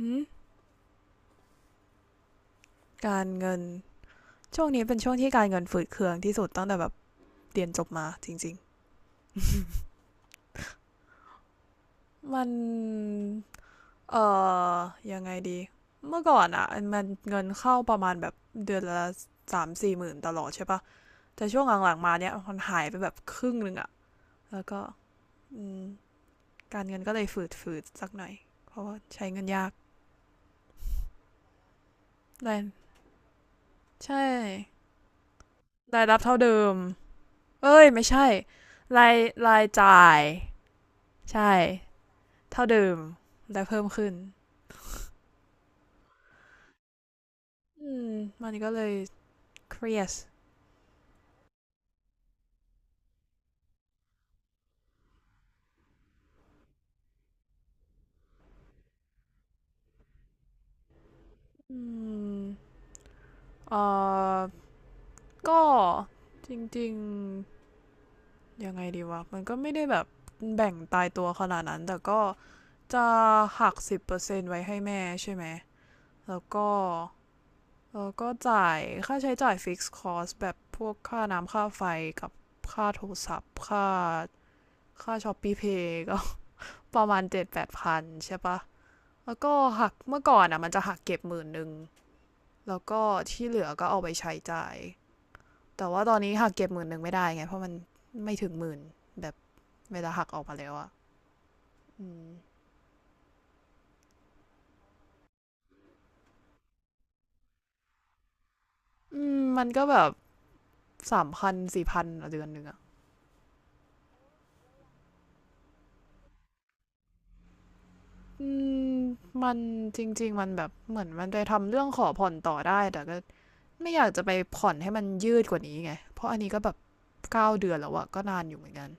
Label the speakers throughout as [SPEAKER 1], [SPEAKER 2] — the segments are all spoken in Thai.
[SPEAKER 1] อืมการเงินช่วงนี้เป็นช่วงที่การเงินฝืดเคืองที่สุดตั้งแต่แบบเรียนจบมาจริงๆมันเอ่อยังไงดีเมื่อก่อนอ่ะมันเงินเข้าประมาณแบบเดือนละสามสี่หมื่นตลอดใช่ปะแต่ช่วงหลังๆมาเนี้ยมันหายไปแบบครึ่งหนึ่งอ่ะแล้วก็อืมการเงินก็เลยฝืดฝืดสักหน่อยเพราะว่าใช้เงินยากรายใช่รายรับเท่าเดิมเอ้ยไม่ใช่รายรายจ่ายใช่ เท่าเดิมแต่เพิ่มขึ้นอืมมันก็เลยเครียดอืมเอ่อก็จริงๆยังไงดีวะมันก็ไม่ได้แบบแบ่งตายตัวขนาดนั้นแต่ก็จะหัก10%ไว้ให้แม่ใช่ไหมแล้วก็จ่ายค่าใช้จ่ายฟิกซ์คอสแบบพวกค่าน้ำค่าไฟกับค่าโทรศัพท์ค่าช้อปปี้เพย์ก็ ประมาณ7-8พันใช่ปะ แล้วก็หักเมื่อก่อนอ่ะมันจะหักเก็บหมื่นหนึ่งแล้วก็ที่เหลือก็เอาไปใช้จ่ายแต่ว่าตอนนี้หักเก็บหมื่นหนึ่งไม่ได้ไงเพราะมันไม่ถึงหมื่นแบบเวลาหักออกมาแล้วอ่ะอืมอืมมันก็แบบสามพันสี่พันเดือนหนึ่งอ่ะอืมมันจริงๆมันแบบเหมือนมันไปทำเรื่องขอผ่อนต่อได้แต่ก็ไม่อยากจะไปผ่อนให้มันยืดกว่านี้ไงเพราะอันนี้ก็แบบ9 เดือนแล้วอะก็นานอยู่เหมือนกัน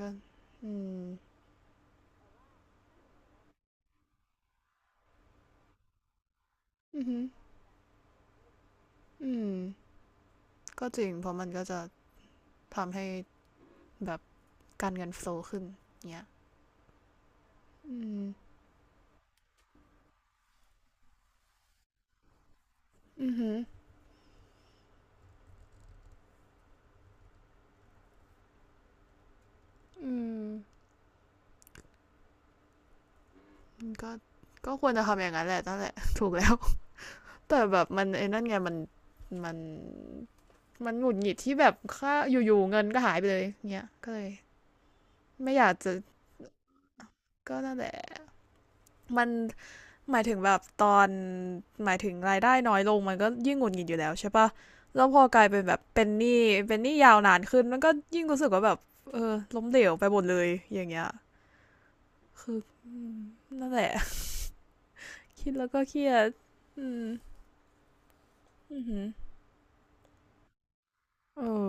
[SPEAKER 1] ก็อืมอืมอืมก็จริงเพราะมันก็จะ ทำให้แบบการเงินโฟลว์ขึ้นเงี้ยอืมอือหืออืมก็ก็ควรจะทำอย่างนั้นแหละนั่นแหละ ถูกแล้ว แต่แบบมันไอ้นั่นไงมัน มันมันหงุดหงิดที่แบบค่าอยู่ๆเงินก็หายไปเลยเงี้ยก็เลยไม่อยากจะก็นั่นแหละมันหมายถึงแบบตอนหมายถึงรายได้น้อยลงมันก็ยิ่งหงุดหงิดอยู่แล้วใช่ปะแล้วพอกลายเป็นแบบเป็นหนี้เป็นหนี้ยาวนานขึ้นมันก็ยิ่งรู้สึกว่าแบบเออล้มเหลวไปหมดเลยอย่างเงี้ย คือนั่นแหละ คิดแล้วก็เครียดอืมอือือเออ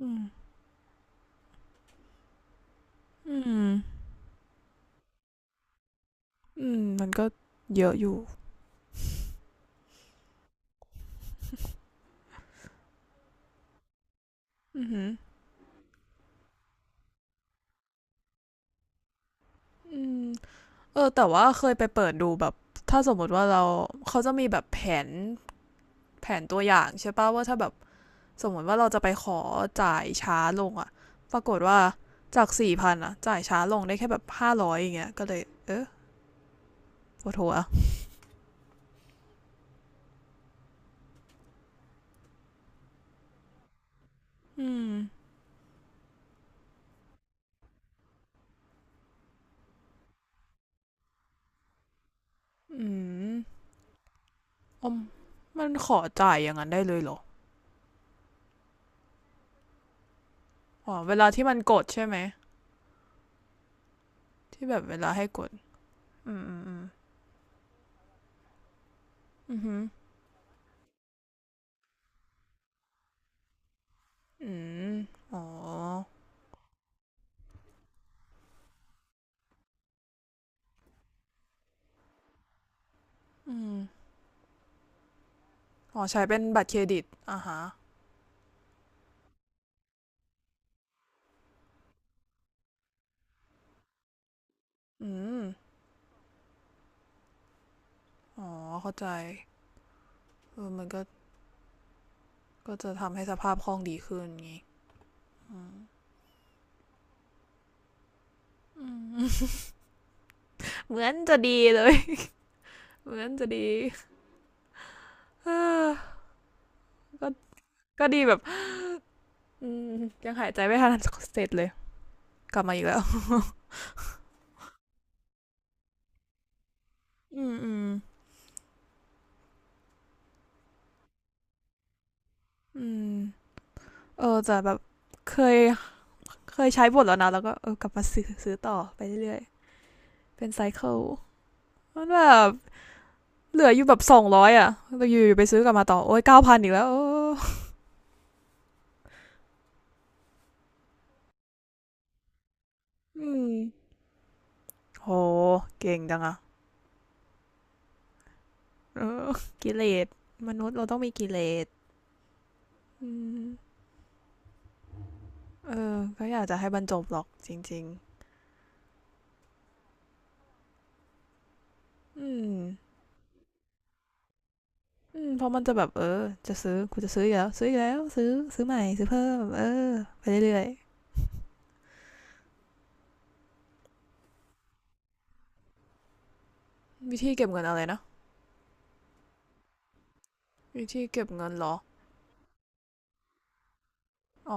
[SPEAKER 1] อืมอืมอืมมันก็เยอะอยู่อือหืออืมเออแต่ว่าเคยไปเปิดดูแบบถ้าสมมติว่าเราเขาจะมีแบบแผนตัวอย่างใช่ป่ะว่าถ้าแบบสมมติว่าเราจะไปขอจ่ายช้าลงอะปรากฏว่าจากสี่พันอะจ่ายช้าลงได้แค่แบบ500อย่างเงี้ยก็เลยเออปวดหัวอืมอืมอมมันขอจ่ายอย่างนั้นได้เลยเหรอ อ๋อเวลาที่มันกดใช่ไหมที่แบบเวลาให้กดอืมอืมอืมอืมอ๋ออืมอ๋อใช้เป็นบัตรเครดิตอ่าฮะอืมอ๋อเข้าใจเออมันก็จะทำให้สภาพคล่องดีขึ้นงี้เหมือนจะดีเลย เหมือนจะดี เออก็ดีแบบอืมยังหายใจไม่ทันเสร็จเลยกลับมาอีกแล้ว อืมอืมอืมเออแต่แบบเคยเคยใช้หมดแล้วนะแล้วก็เออกลับมาซื้อต่อไปเรื่อยๆเป็นไซเคิล มันแบบเหลืออยู่แบบ200อ่ะเราอยู่ไปซื้อกลับมาต่อโอ้ย9,000อีกแล้วโอ้อืมโหเก่งจังอ่ะกิเลสมนุษย์เราต้องมีกิเลสอืมเออก็อยากจะให้บรรจบหรอกจริงๆอืมอืมเพราะมันจะแบบเออจะซื้อกูจะซื้ออีกแล้วซื้ออีกแล้วซื้อใหม่ซื้อเพิ่มเออไปเรื่อยๆวิธีเก็บเงินอะไรนะวิธีเก็บเงินเหรออ๋อ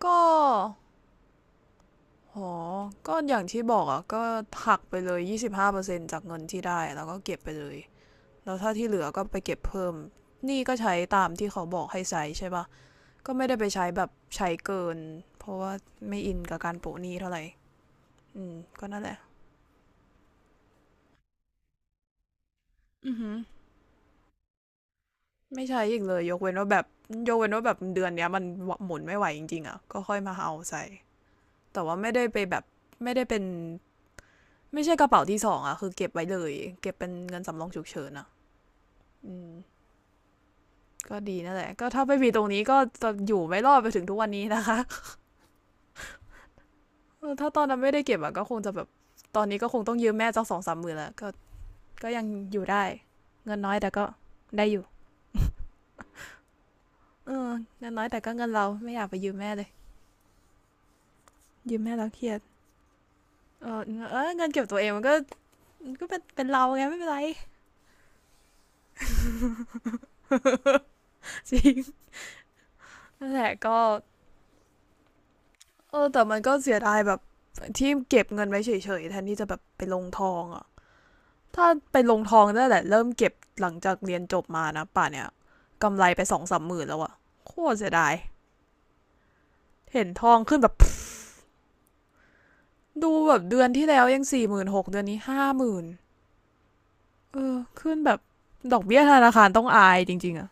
[SPEAKER 1] ก็ อ๋ออย่างที่บอกอ่ะก็หักไปเลย25%จากเงินที่ได้แล้วก็เก็บไปเลยแล้วถ้าที่เหลือก็ไปเก็บเพิ่มนี่ก็ใช้ตามที่เขาบอกให้ใช้ใช่ปะก็ไม่ได้ไปใช้แบบใช้เกินเพราะว่าไม่อินกับการโปะหนี้เท่าไหร่อืมก็นั่นแหละอือหือไม่ใช้อีกเลยยกเว้นว่าแบบยกเว้นว่าแบบเดือนเนี้ยมันหมุนไม่ไหวจริงๆอ่ะก็ค่อยมาเอาใส่แต่ว่าไม่ได้ไปแบบไม่ได้เป็นไม่ใช่กระเป๋าที่สองอ่ะคือเก็บไว้เลยเก็บเป็นเงินสำรองฉุกเฉินอ่ะอืม ก็ดีนั่นแหละก็ถ้าไม่มีตรงนี้ก็จะอยู่ไม่รอดไปถึงทุกวันนี้นะคะ ถ้าตอนนั้นไม่ได้เก็บอะก็คงจะแบบตอนนี้ก็คงต้องยืมแม่เจ้าสองสามหมื่นแล้วก็ก็ยังอยู่ได้เงินน้อยแต่ก็ได้อยู่เออเงินน้อยแต่ก็เงินเราไม่อยากไปยืมแม่เลยยืมแม่แล้วเครียดเออเออเงินเก็บตัวเองมันก็ก็เป็นเราไงไม่เป็นไร จริงนั่นแหละก็เออแต่มันก็เสียดายแบบที่เก็บเงินไว้เฉยๆแทนที่จะแบบไปลงทองอะ ถ้าไปลงทองได้แหละเริ่มเก็บหลังจากเรียนจบมานะป่านเนี่ยกำไรไป2-30,000แล้วอะโคตรเสียดายเห็นทองขึ้นแบบดูแบบเดือนที่แล้วยัง46,000เดือนนี้50,000เออขึ้นแบบดอกเบี้ยธนาคารต้องอายจริงๆอะ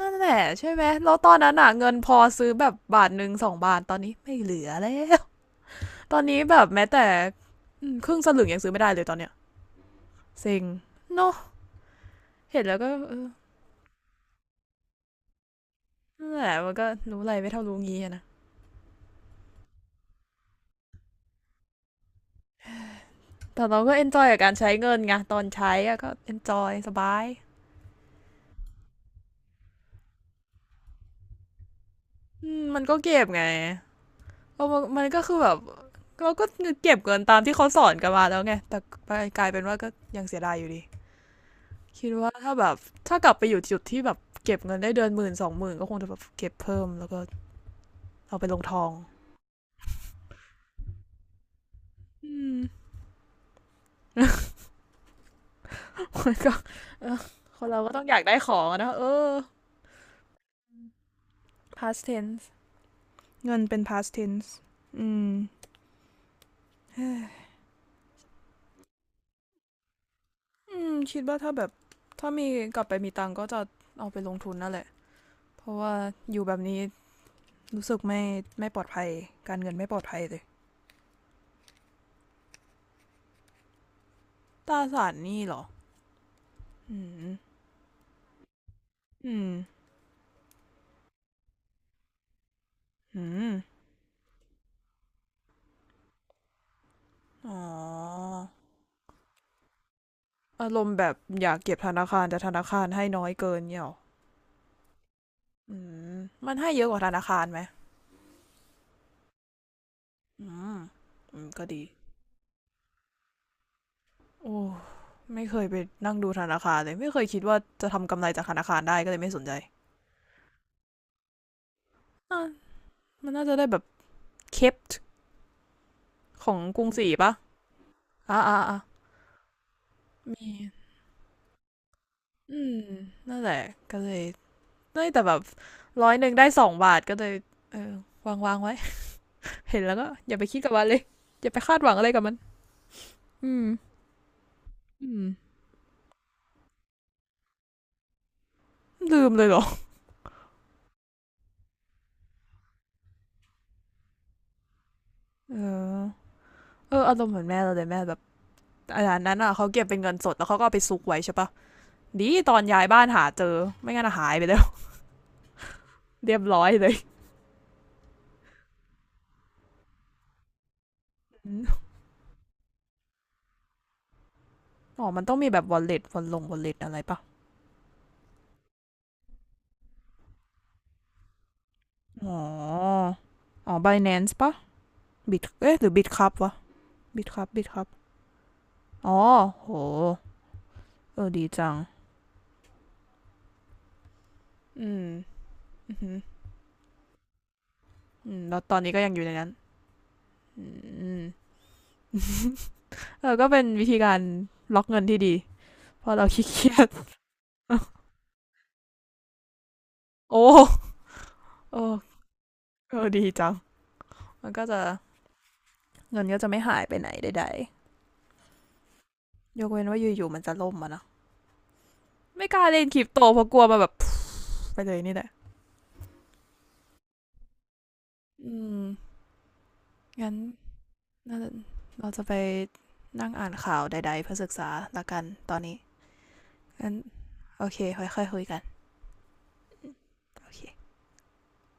[SPEAKER 1] นั่นแหละใช่ไหมแล้วตอนนั้นอะเงินพอซื้อแบบบาทหนึ่งสองบาทตอนนี้ไม่เหลือแล้วตอนนี้แบบแม้แต่ครึ่งสลึงยังซื้อไม่ได้เลยตอนเนี้ยเซ็งเนาะเห็นแล้วก็เออนั่นแหละมันก็รู้อะไรไม่เท่ารู้งี้อะนะ แต่เราก็เอนจอยกับการใช้เงินไงตอนใช้อะก็เอนจอยสบายมันก็เก็บไงก็มันก็คือแบบเราก็เก็บเงินตามที่เขาสอนกันมาแล้วไงแต่กลายเป็นว่าก็ยังเสียดายอยู่ดีคิดว่าถ้าแบบถ้ากลับไปอยู่จุดที่แบบเก็บเงินได้เดือน1-20,000ก็คงจะแบบเก็บเพิ่มแล้วก็เอาไปลงทองอืม มันก็คนเราก็ต้องอยากได้ของอนะเออ past tense เงินเป็น past tense อืม อืมคิดว่าถ้าแบบถ้ามีกลับไปมีตังค์ก็จะเอาไปลงทุนนั่นแหละเพราะว่าอยู่แบบนี้รู้สึกไม่ปลอดภัยการเงินไม่ปลอดภัยเลยตราสารหนี่หรอ อืม อืม อืมอ๋ออารมณ์แบบอยากเก็บธนาคารแต่ธนาคารให้น้อยเกินเนี่ยเหรออืมมันให้เยอะกว่าธนาคารไหม อืม อืมก็ดีโอ้ไม่เคยไปนั่งดูธนาคารเลยไม่เคยคิดว่าจะทำกำไรจากธนาคารได้ก็เลยไม่สนใจอ่ะมันน่าจะได้แบบเคป ของกรุงศรีปะอ่าอ่าอ่ามี อืมนั่นแหละก็เลยเอ้ยแต่แบบร้อยหนึ่งได้สองบาทก็เลย เออวางไว้ เห็นแล้วก็อย่าไปคิดกับมันเลย อย่าไปคาดหวังอะไรกับมัน อืมอืม ลืมเลยเหรอเออ เอออารมณ์เหมือนแม่เราเลยแม่แบบ อาจารนั้นอ่ะเขาเก็บเป็นเงินสดแล้วเขาก็เอาไปซุกไว้ใช่ปะดีตอนย้ายบ้านหาเจอไม่งั้นอะหายไปแล้ว เรียบร้อยเลยอืมอ๋อมันต้องมีแบบ wallet วอลลง wallet อะไรปะอ๋ออ๋อ Binance ปะ บิดเอ๊ะหรือบิดครับวะบิดครับบิดครับอ๋อโหเออดีจังอืมอือืออืมแล้วตอนนี้ก็ยังอยู่ในนั้นอืม เออก็เป็นวิธีการล็อกเงินที่ดีเพราะเราขี้เกียจ โอ้โอ้เออดีจังมันก็จะเงินก็จะไม่หายไปไหนใดๆยกเว้นว่าอยู่ๆมันจะล่มอะนะไม่กล้าเล่นคริปโตเพราะกลัวมาแบบ ไปเลยนี่แหละอืมงั้นาเราจะไปนั่งอ่านข่าวใดๆเพื่อศึกษาละกันตอนนี้งั้น โอเคค่อยๆคุยกันโอเค